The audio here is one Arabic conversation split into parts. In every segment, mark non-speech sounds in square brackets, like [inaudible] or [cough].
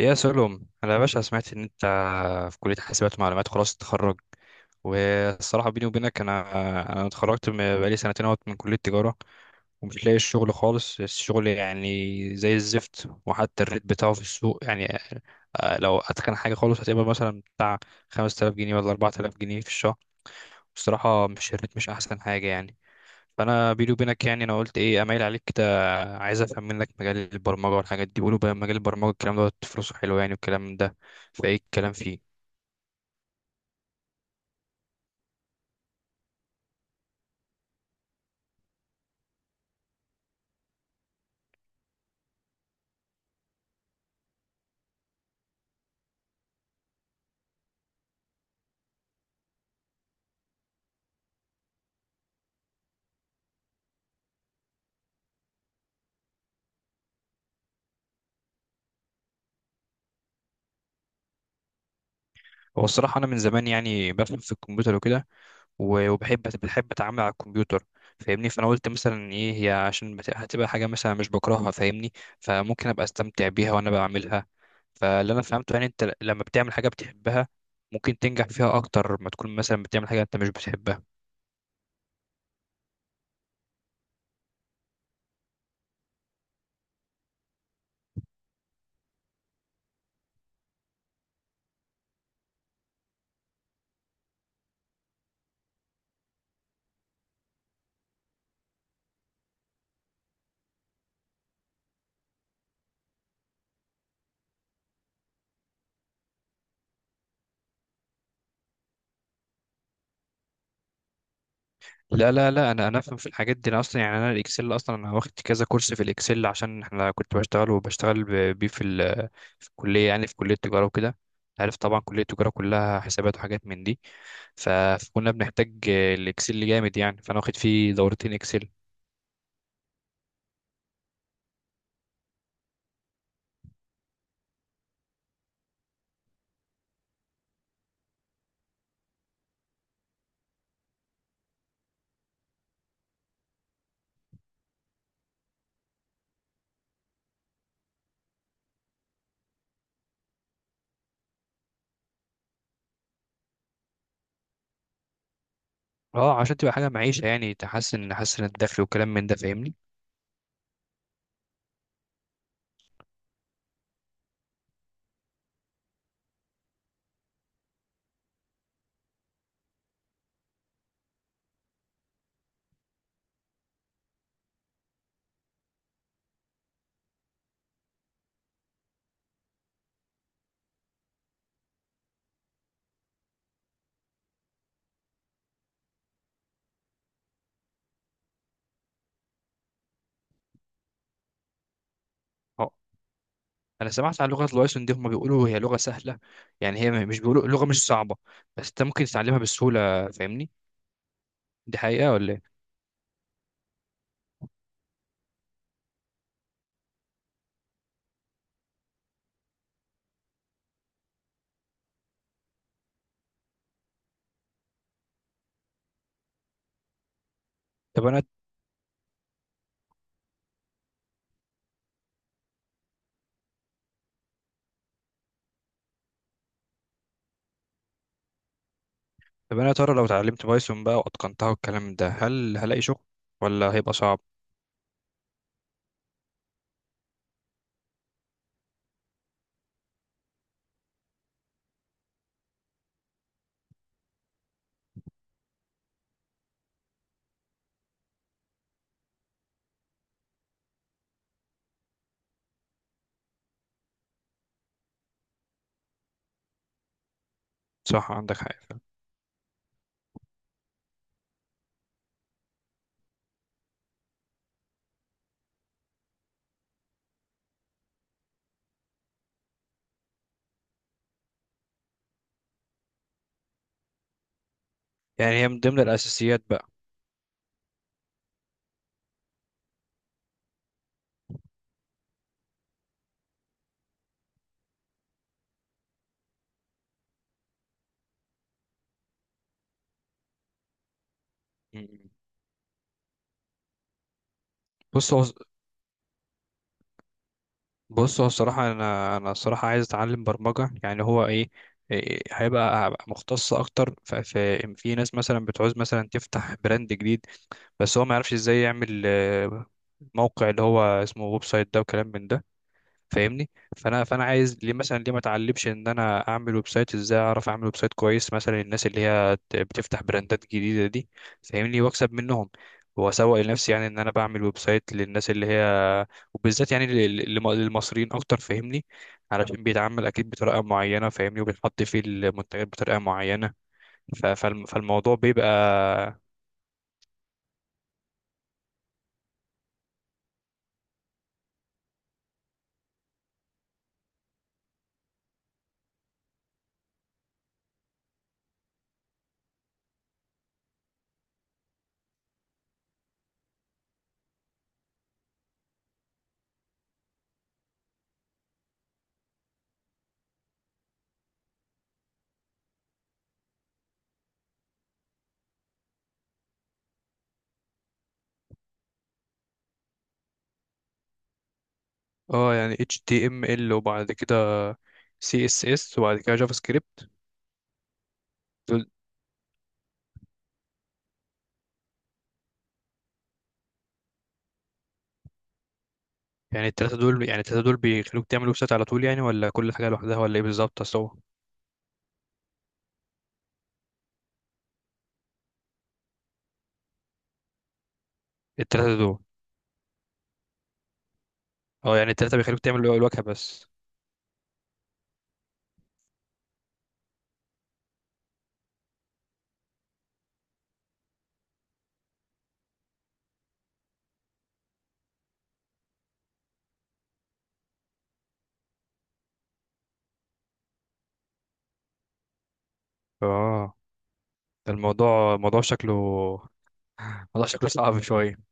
يا سلم انا يا باشا سمعت ان انت في كليه حاسبات ومعلومات خلاص تتخرج. والصراحه بيني وبينك انا اتخرجت بقالي سنتين اهوت من كليه تجاره، ومش لاقي الشغل خالص، الشغل يعني زي الزفت، وحتى الريت بتاعه في السوق يعني. لو اتقن حاجه خالص هتبقى مثلا بتاع 5000 جنيه ولا 4000 جنيه في الشهر. الصراحه مش الريت مش احسن حاجه يعني. فانا بيني وبينك يعني انا قلت ايه اميل عليك، عايز افهم منك مجال البرمجه والحاجات دي. بيقولوا بقى مجال البرمجه الكلام ده فلوسه حلو يعني والكلام ده، فايه الكلام فيه؟ هو الصراحه انا من زمان يعني بفهم في الكمبيوتر وكده، وبحب اتعامل على الكمبيوتر، فاهمني. فانا قلت مثلا ايه هي عشان هتبقى حاجه مثلا مش بكرهها، فاهمني، فممكن ابقى استمتع بيها وانا بعملها. فاللي انا فهمته يعني انت لما بتعمل حاجه بتحبها ممكن تنجح فيها اكتر ما تكون مثلا بتعمل حاجه انت مش بتحبها. لا لا لا، انا افهم في الحاجات دي، انا اصلا يعني انا الاكسل اصلا انا واخد كذا كورس في الاكسل، عشان احنا كنت بشتغل وبشتغل بيه في في الكليه يعني في كليه التجاره وكده. عارف طبعا كليه التجاره كلها حسابات وحاجات من دي، ف- فكنا بنحتاج الاكسل جامد يعني، فانا واخد فيه دورتين اكسل. اه، عشان تبقى حاجه معيشه يعني تحسن الدخل وكلام من ده، فاهمني. اه، انا سمعت عن لغه الوايسون دي، هم بيقولوا هي لغه سهله يعني، هي مش بيقولوا لغه مش صعبه، بس انت ممكن تتعلمها بسهوله، فاهمني. دي حقيقه ولا ايه؟ طب انا طب انا يا ترى لو اتعلمت بايثون بقى واتقنتها والكلام ده، هل هلاقي شغل ولا هيبقى صعب؟ صح، عندك حق فعلا. يعني هي من ضمن الاساسيات بقى. مم. بص هو بص هو الصراحه انا الصراحه عايز اتعلم برمجه يعني، هو ايه؟ هيبقى هبقى مختص اكتر، في ناس مثلا بتعوز مثلا تفتح براند جديد، بس هو ما يعرفش ازاي يعمل موقع اللي هو اسمه ويب سايت ده وكلام من ده، فاهمني. فانا عايز ليه مثلا، ليه ما اتعلمش ان انا اعمل ويب سايت، ازاي اعرف اعمل ويب سايت كويس مثلا الناس اللي هي بتفتح براندات جديده دي، فاهمني، واكسب منهم، واسوق لنفسي يعني ان انا بعمل ويب سايت للناس اللي هي، وبالذات يعني للمصريين اكتر، فاهمني، علشان بيتعامل اكيد بطريقه معينه، فاهمني، وبيحط فيه المنتجات بطريقه معينه، فالموضوع بيبقى. اه يعني HTML وبعد كده CSS وبعد كده جافا سكريبت. يعني التلاتة دول بيخلوك تعمل ويب سايت على طول يعني، ولا كل حاجة لوحدها ولا ايه بالظبط؟ اصل هو التلاتة دول. اه يعني التلاتة بيخلوك تعمل الواجهة بس. اه، ده الموضوع موضوع شكله صعب شوية.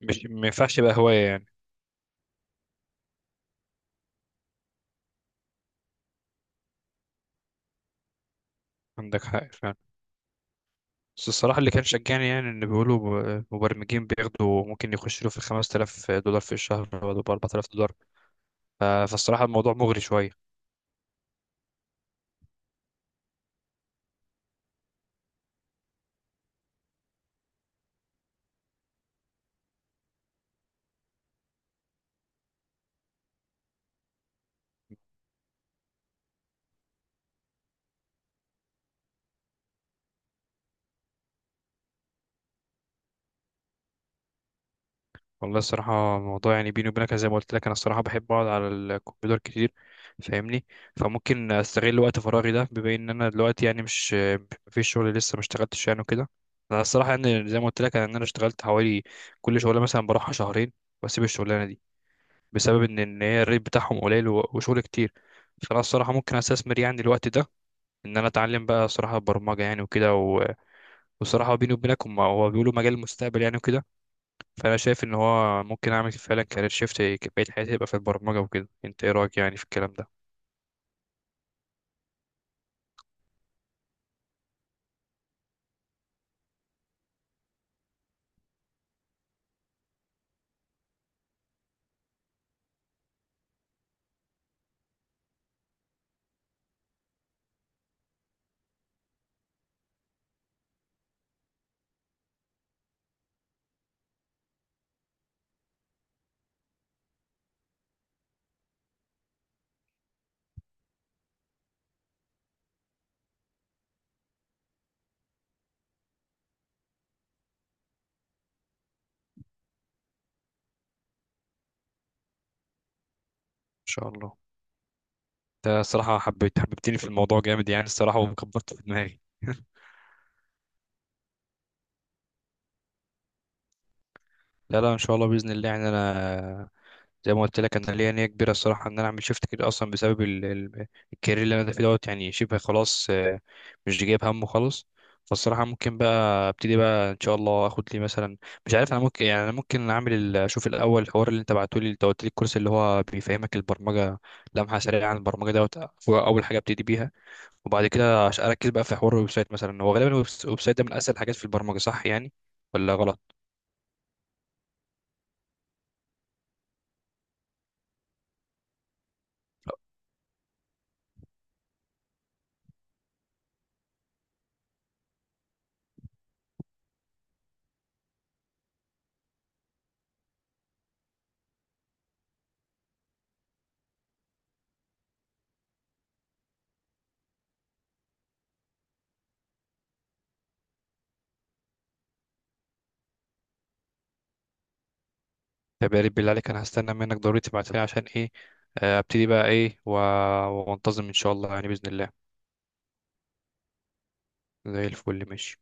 مش ما ينفعش يبقى هواية يعني؟ عندك حق فعلا. بس الصراحة اللي كان شجعني يعني إن بيقولوا مبرمجين بياخدوا، ممكن يخشوا له في 5000 دولار في الشهر ولا ب 4000 دولار، فالصراحة الموضوع مغري شوية. والله الصراحة الموضوع يعني بيني وبينك، زي ما قلت لك أنا الصراحة بحب أقعد على الكمبيوتر كتير، فاهمني، فممكن أستغل وقت فراغي ده، بما إن أنا دلوقتي يعني مش، مفيش شغل لسه ما اشتغلتش يعني وكده. أنا الصراحة يعني زي ما قلت لك إن أنا اشتغلت حوالي، كل شغلة مثلا بروحها شهرين، وأسيب الشغلانة دي بسبب إن هي الريت بتاعهم قليل وشغل كتير. فأنا الصراحة ممكن أستثمر يعني الوقت ده، إن أنا أتعلم بقى الصراحة برمجة يعني وكده، والصراحة بيني وبينك هو بيقولوا مجال المستقبل يعني وكده. فانا شايف ان هو ممكن اعمل فعلا كارير شيفت بقية حياتي يبقى في البرمجة وكده، انت ايه رأيك يعني في الكلام ده؟ ان شاء الله. انت الصراحة حببتني في الموضوع جامد يعني الصراحة، وكبرت في دماغي. [laughs] لا لا، ان شاء الله باذن الله يعني انا، زي ما قلت لك انا ليا نيه كبيره الصراحه ان انا اعمل شيفت كده اصلا بسبب الكارير اللي انا فيه دوت يعني شبه خلاص، مش جايب همه خالص. فالصراحه ممكن بقى ابتدي بقى ان شاء الله اخد لي مثلا، مش عارف، انا ممكن يعني انا ممكن اعمل اشوف الاول الحوار اللي انت بعته لي، انت قلت لي الكورس اللي هو بيفهمك البرمجه لمحه سريعه عن البرمجه دوت، هو اول حاجه ابتدي بيها، وبعد كده اركز بقى في حوار الويب سايت مثلا، هو غالبا الويب سايت ده من اسهل الحاجات في البرمجه، صح يعني ولا غلط؟ طب يا ريت بالله عليك، انا هستنى منك ضروري تبعتها لي، عشان ايه، ابتدي بقى ايه وانتظم ان شاء الله يعني باذن الله. زي الفل، ماشي.